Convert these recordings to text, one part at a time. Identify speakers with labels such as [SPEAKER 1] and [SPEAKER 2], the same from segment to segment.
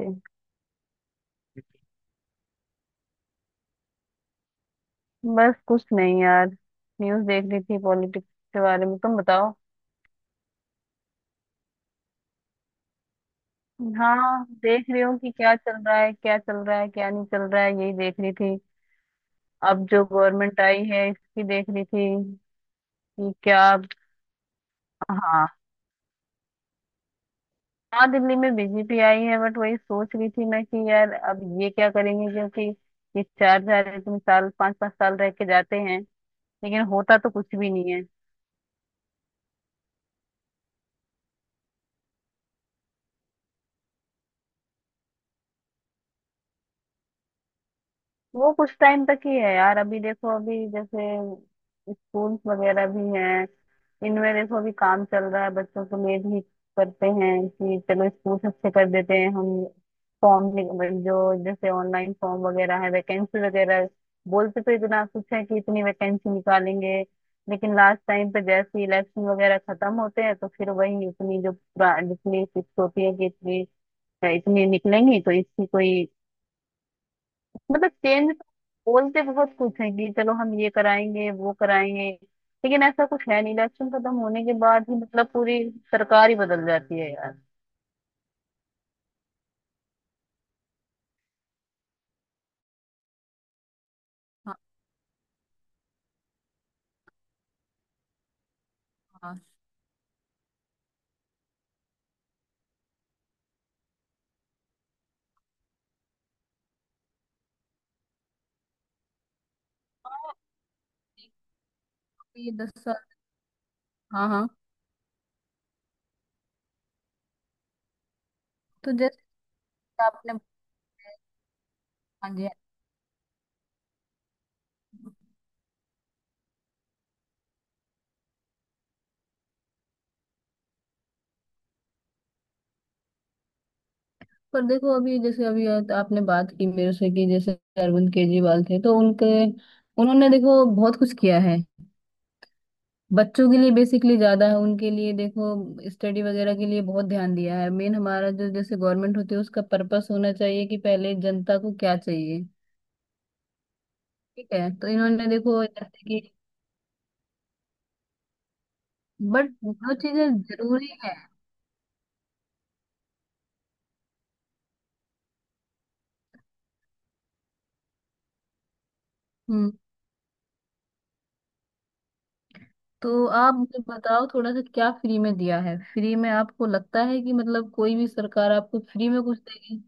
[SPEAKER 1] Okay. बस कुछ नहीं यार, न्यूज़ देख रही थी पॉलिटिक्स के बारे में। तुम बताओ। हाँ, देख रही हूँ कि क्या चल रहा है क्या चल रहा है क्या नहीं चल रहा है, यही देख रही थी। अब जो गवर्नमेंट आई है इसकी देख रही थी कि क्या। हाँ, हाँ, दिल्ली में बीजेपी आई है बट वही सोच रही थी मैं कि यार अब ये क्या करेंगे क्योंकि ये चार चार इतने साल पांच पांच साल रह के जाते हैं लेकिन होता तो कुछ भी नहीं है। वो कुछ टाइम तक ही है यार। अभी देखो, अभी जैसे स्कूल्स वगैरह भी हैं, इनमें देखो अभी काम चल रहा है। बच्चों को मेड ही करते हैं कि चलो स्कूल अच्छे कर देते हैं हम। फॉर्म जो, जैसे ऑनलाइन फॉर्म वगैरह है, वैकेंसी वगैरह। बोलते तो इतना कुछ है कि इतनी वैकेंसी निकालेंगे लेकिन लास्ट टाइम पे जैसे इलेक्शन वगैरह खत्म होते हैं तो फिर वही इतनी जो जितनी फिक्स होती है कि इतनी इतनी निकलेंगी तो इसकी कोई मतलब चेंज। बोलते बहुत कुछ है कि चलो हम ये कराएंगे वो कराएंगे लेकिन ऐसा कुछ है नहीं। इलेक्शन खत्म होने के बाद ही मतलब पूरी सरकार ही बदल जाती है यार। हाँ, हाँ, ये 10 साल। हाँ, हाँ, तो जैसे आपने। हाँ जी। पर देखो अभी, जैसे अभी आपने बात की मेरे से कि जैसे अरविंद केजरीवाल थे तो उनके उन्होंने देखो बहुत कुछ किया है बच्चों के लिए। बेसिकली ज्यादा है उनके लिए देखो, स्टडी वगैरह के लिए बहुत ध्यान दिया है। मेन हमारा जो जैसे गवर्नमेंट होती है उसका पर्पस होना चाहिए कि पहले जनता को क्या चाहिए। ठीक है, तो इन्होंने देखो जैसे कि। बट जो चीजें जरूरी है। हम्म। तो आप मुझे बताओ थोड़ा सा, क्या फ्री में दिया है? फ्री में आपको लगता है कि मतलब कोई भी सरकार आपको फ्री में कुछ देगी?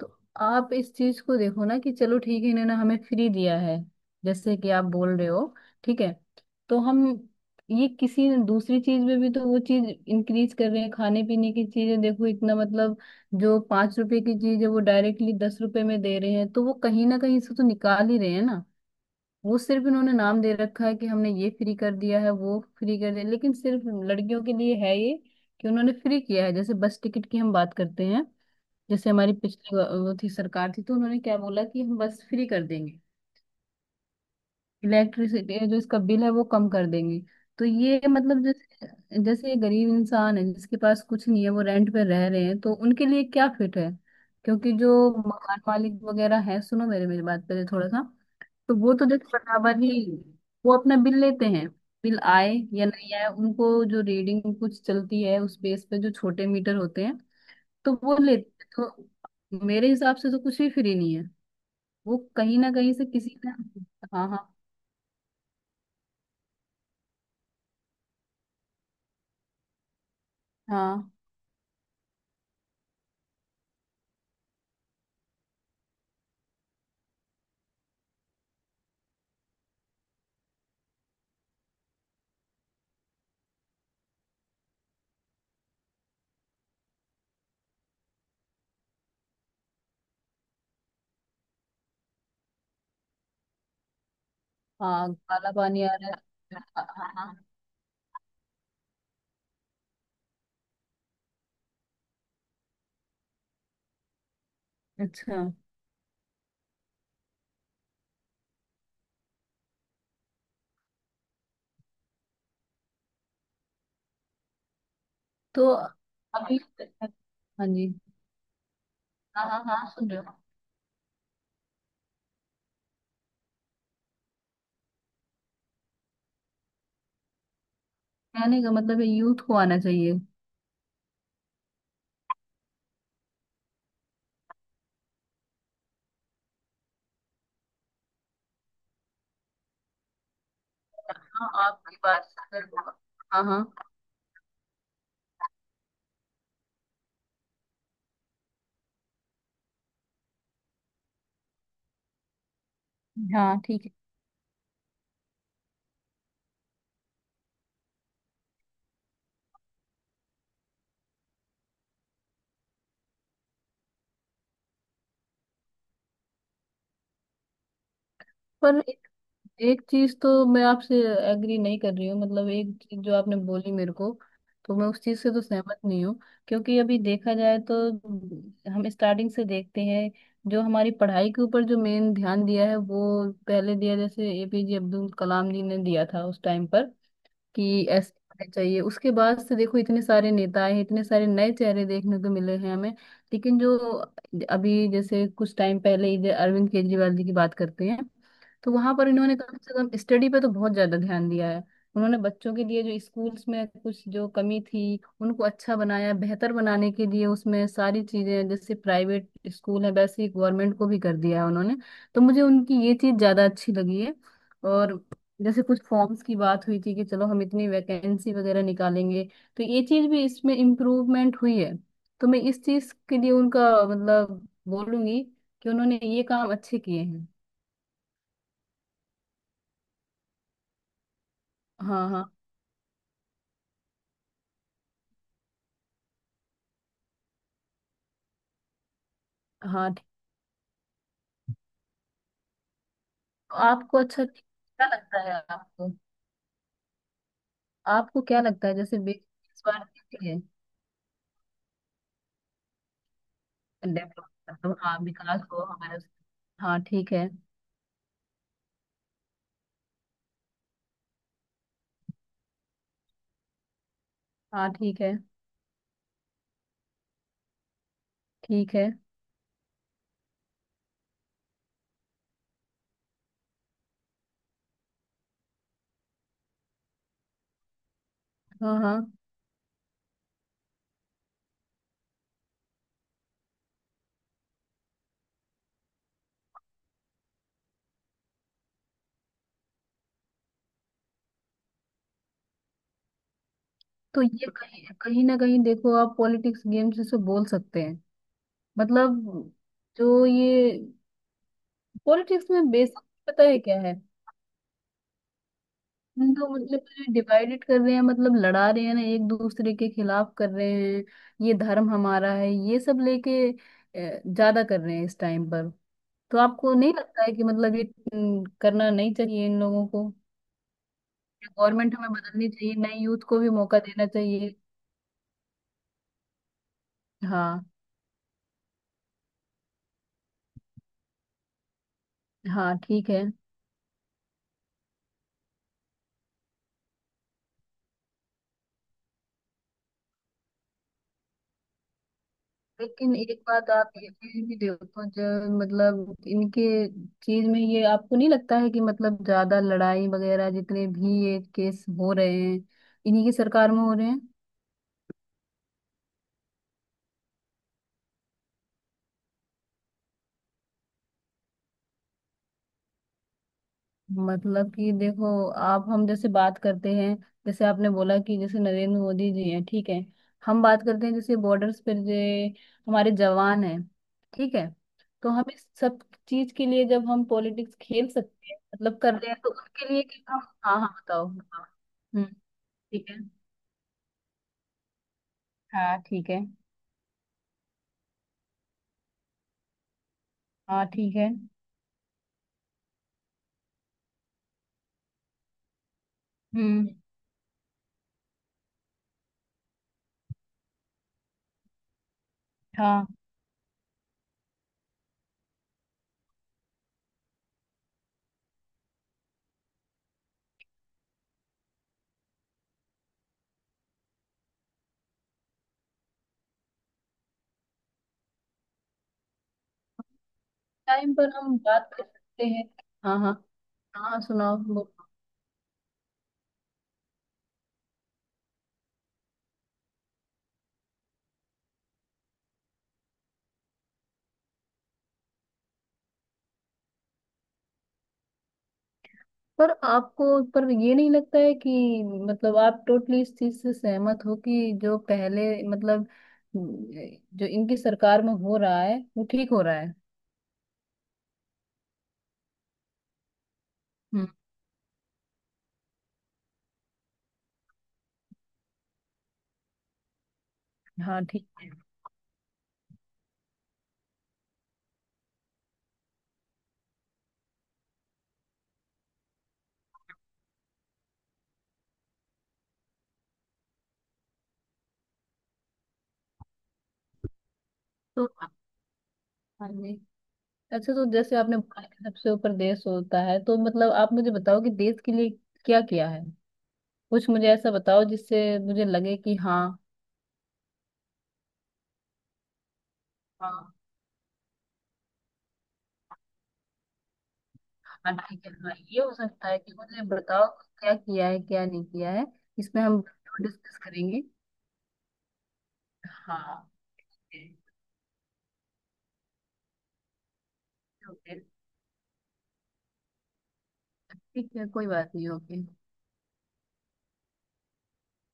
[SPEAKER 1] तो आप इस चीज को देखो ना कि चलो ठीक है इन्होंने हमें फ्री दिया है जैसे कि आप बोल रहे हो, ठीक है। तो हम ये किसी दूसरी चीज में भी तो वो चीज इंक्रीज कर रहे हैं। खाने पीने की चीजें देखो, इतना मतलब जो 5 रुपए की चीज है वो डायरेक्टली 10 रुपए में दे रहे हैं तो वो कहीं ना कहीं से तो निकाल ही रहे हैं ना। वो सिर्फ इन्होंने नाम दे रखा है कि हमने ये फ्री कर दिया है वो फ्री कर दिया, लेकिन सिर्फ लड़कियों के लिए है ये कि उन्होंने फ्री किया है। जैसे बस टिकट की हम बात करते हैं, जैसे हमारी पिछली वो थी सरकार थी तो उन्होंने क्या बोला कि हम बस फ्री कर देंगे, इलेक्ट्रिसिटी जो इसका बिल है वो कम कर देंगे। तो ये मतलब जैसे जैसे ये गरीब इंसान है जिसके पास कुछ नहीं है वो रेंट पे रह रहे हैं तो उनके लिए क्या फिट है? क्योंकि जो मकान मालिक वगैरह है, सुनो मेरे मेरी बात पहले थोड़ा सा। तो वो तो देखो बराबर ही वो अपना बिल लेते हैं। बिल आए या नहीं आए, उनको जो रीडिंग कुछ चलती है उस बेस पे, जो छोटे मीटर होते हैं तो वो लेते हैं। तो मेरे हिसाब से तो कुछ भी फ्री नहीं है, वो कहीं ना कहीं से किसी ने। हाँ, हाँ, हाँ। हाँ, काला पानी आ रहा है। हाँ, हाँ, हाँ। अच्छा। तो अभी। हाँ जी। हाँ, हाँ, हाँ, सुन रहे हो। कहने का मतलब है यूथ को आना चाहिए। हाँ, आपकी बात से बिल्कुल। हाँ, हाँ, हाँ, ठीक है। पर एक चीज तो मैं आपसे एग्री नहीं कर रही हूँ, मतलब एक चीज जो आपने बोली मेरे को तो मैं उस चीज से तो सहमत नहीं हूँ। क्योंकि अभी देखा जाए तो हम स्टार्टिंग से देखते हैं, जो हमारी पढ़ाई के ऊपर जो मेन ध्यान दिया है वो पहले दिया जैसे एपीजे अब्दुल कलाम जी ने दिया था उस टाइम पर कि ऐसे होने चाहिए। उसके बाद से देखो इतने सारे नेता आए, इतने सारे नए चेहरे देखने को मिले हैं हमें लेकिन जो अभी जैसे कुछ टाइम पहले ही, जो अरविंद केजरीवाल जी की बात करते हैं, तो वहां पर इन्होंने कम से कम स्टडी पे तो बहुत ज्यादा ध्यान दिया है। उन्होंने बच्चों के लिए जो स्कूल्स में कुछ जो कमी थी उनको अच्छा बनाया, बेहतर बनाने के लिए उसमें सारी चीजें जैसे प्राइवेट स्कूल है वैसे ही गवर्नमेंट को भी कर दिया है उन्होंने। तो मुझे उनकी ये चीज ज्यादा अच्छी लगी है। और जैसे कुछ फॉर्म्स की बात हुई थी कि चलो हम इतनी वैकेंसी वगैरह निकालेंगे तो ये चीज भी इसमें इम्प्रूवमेंट हुई है। तो मैं इस चीज के लिए उनका मतलब बोलूंगी कि उन्होंने ये काम अच्छे किए हैं। हाँ, हाँ, हाँ, ठीक। तो आपको अच्छा क्या लगता है आपको? आपको क्या लगता है जैसे वे इस बार किसके लिए? डेवलप, मतलब हाँ, विकास हो हमारे। हाँ, ठीक है। हाँ, ठीक है। ठीक है। हाँ, हाँ। तो ये कहीं कहीं ना कहीं देखो आप पॉलिटिक्स गेम्स इसे बोल सकते हैं, मतलब जो ये पॉलिटिक्स में बेसिक पता है क्या है। हम तो मतलब डिवाइडेड कर रहे हैं, मतलब लड़ा रहे हैं ना एक दूसरे के खिलाफ कर रहे हैं। ये धर्म हमारा है, ये सब लेके ज्यादा कर रहे हैं इस टाइम पर। तो आपको नहीं लगता है कि मतलब ये करना नहीं चाहिए इन लोगों को? गवर्नमेंट हमें बदलनी चाहिए, नई यूथ को भी मौका देना चाहिए। हाँ, हाँ, ठीक है। लेकिन एक बात आप ये भी देखो, जब मतलब इनके चीज में, ये आपको नहीं लगता है कि मतलब ज्यादा लड़ाई वगैरह जितने भी ये केस हो रहे हैं इन्हीं की सरकार में हो रहे हैं? मतलब कि देखो, आप हम जैसे बात करते हैं जैसे आपने बोला कि जैसे नरेंद्र मोदी जी हैं, ठीक है। हम बात करते हैं जैसे बॉर्डर्स पर जो हमारे जवान हैं, ठीक है। तो हम इस सब चीज के लिए जब हम पॉलिटिक्स खेल सकते हैं, मतलब कर रहे हैं तो उसके लिए कि हम हाँ हाँ बताओ हाँ। हम्म। ठीक है। हाँ, ठीक है। हाँ, ठीक है। हम्म। हाँ, टाइम पर हम बात कर सकते हैं। हाँ, हाँ, हाँ, सुनाओ बोलो। पर आपको, पर ये नहीं लगता है कि मतलब आप टोटली इस चीज से सहमत हो कि जो पहले, मतलब जो इनकी सरकार में हो रहा है वो ठीक हो रहा है? हम्म। हाँ, ठीक है। तो। हाँ जी। अच्छा, तो जैसे आपने बोला कि सबसे ऊपर देश होता है, तो मतलब आप मुझे बताओ कि देश के लिए क्या किया है? कुछ मुझे ऐसा बताओ जिससे मुझे लगे कि हाँ। हाँ। हाँ, ठीक है। हाँ, ये हो सकता है कि मुझे बताओ क्या किया है क्या नहीं किया है, इसमें हम डिस्कस करेंगे। हाँ। ओके। ओके, ठीक है, कोई बात नहीं। ओके।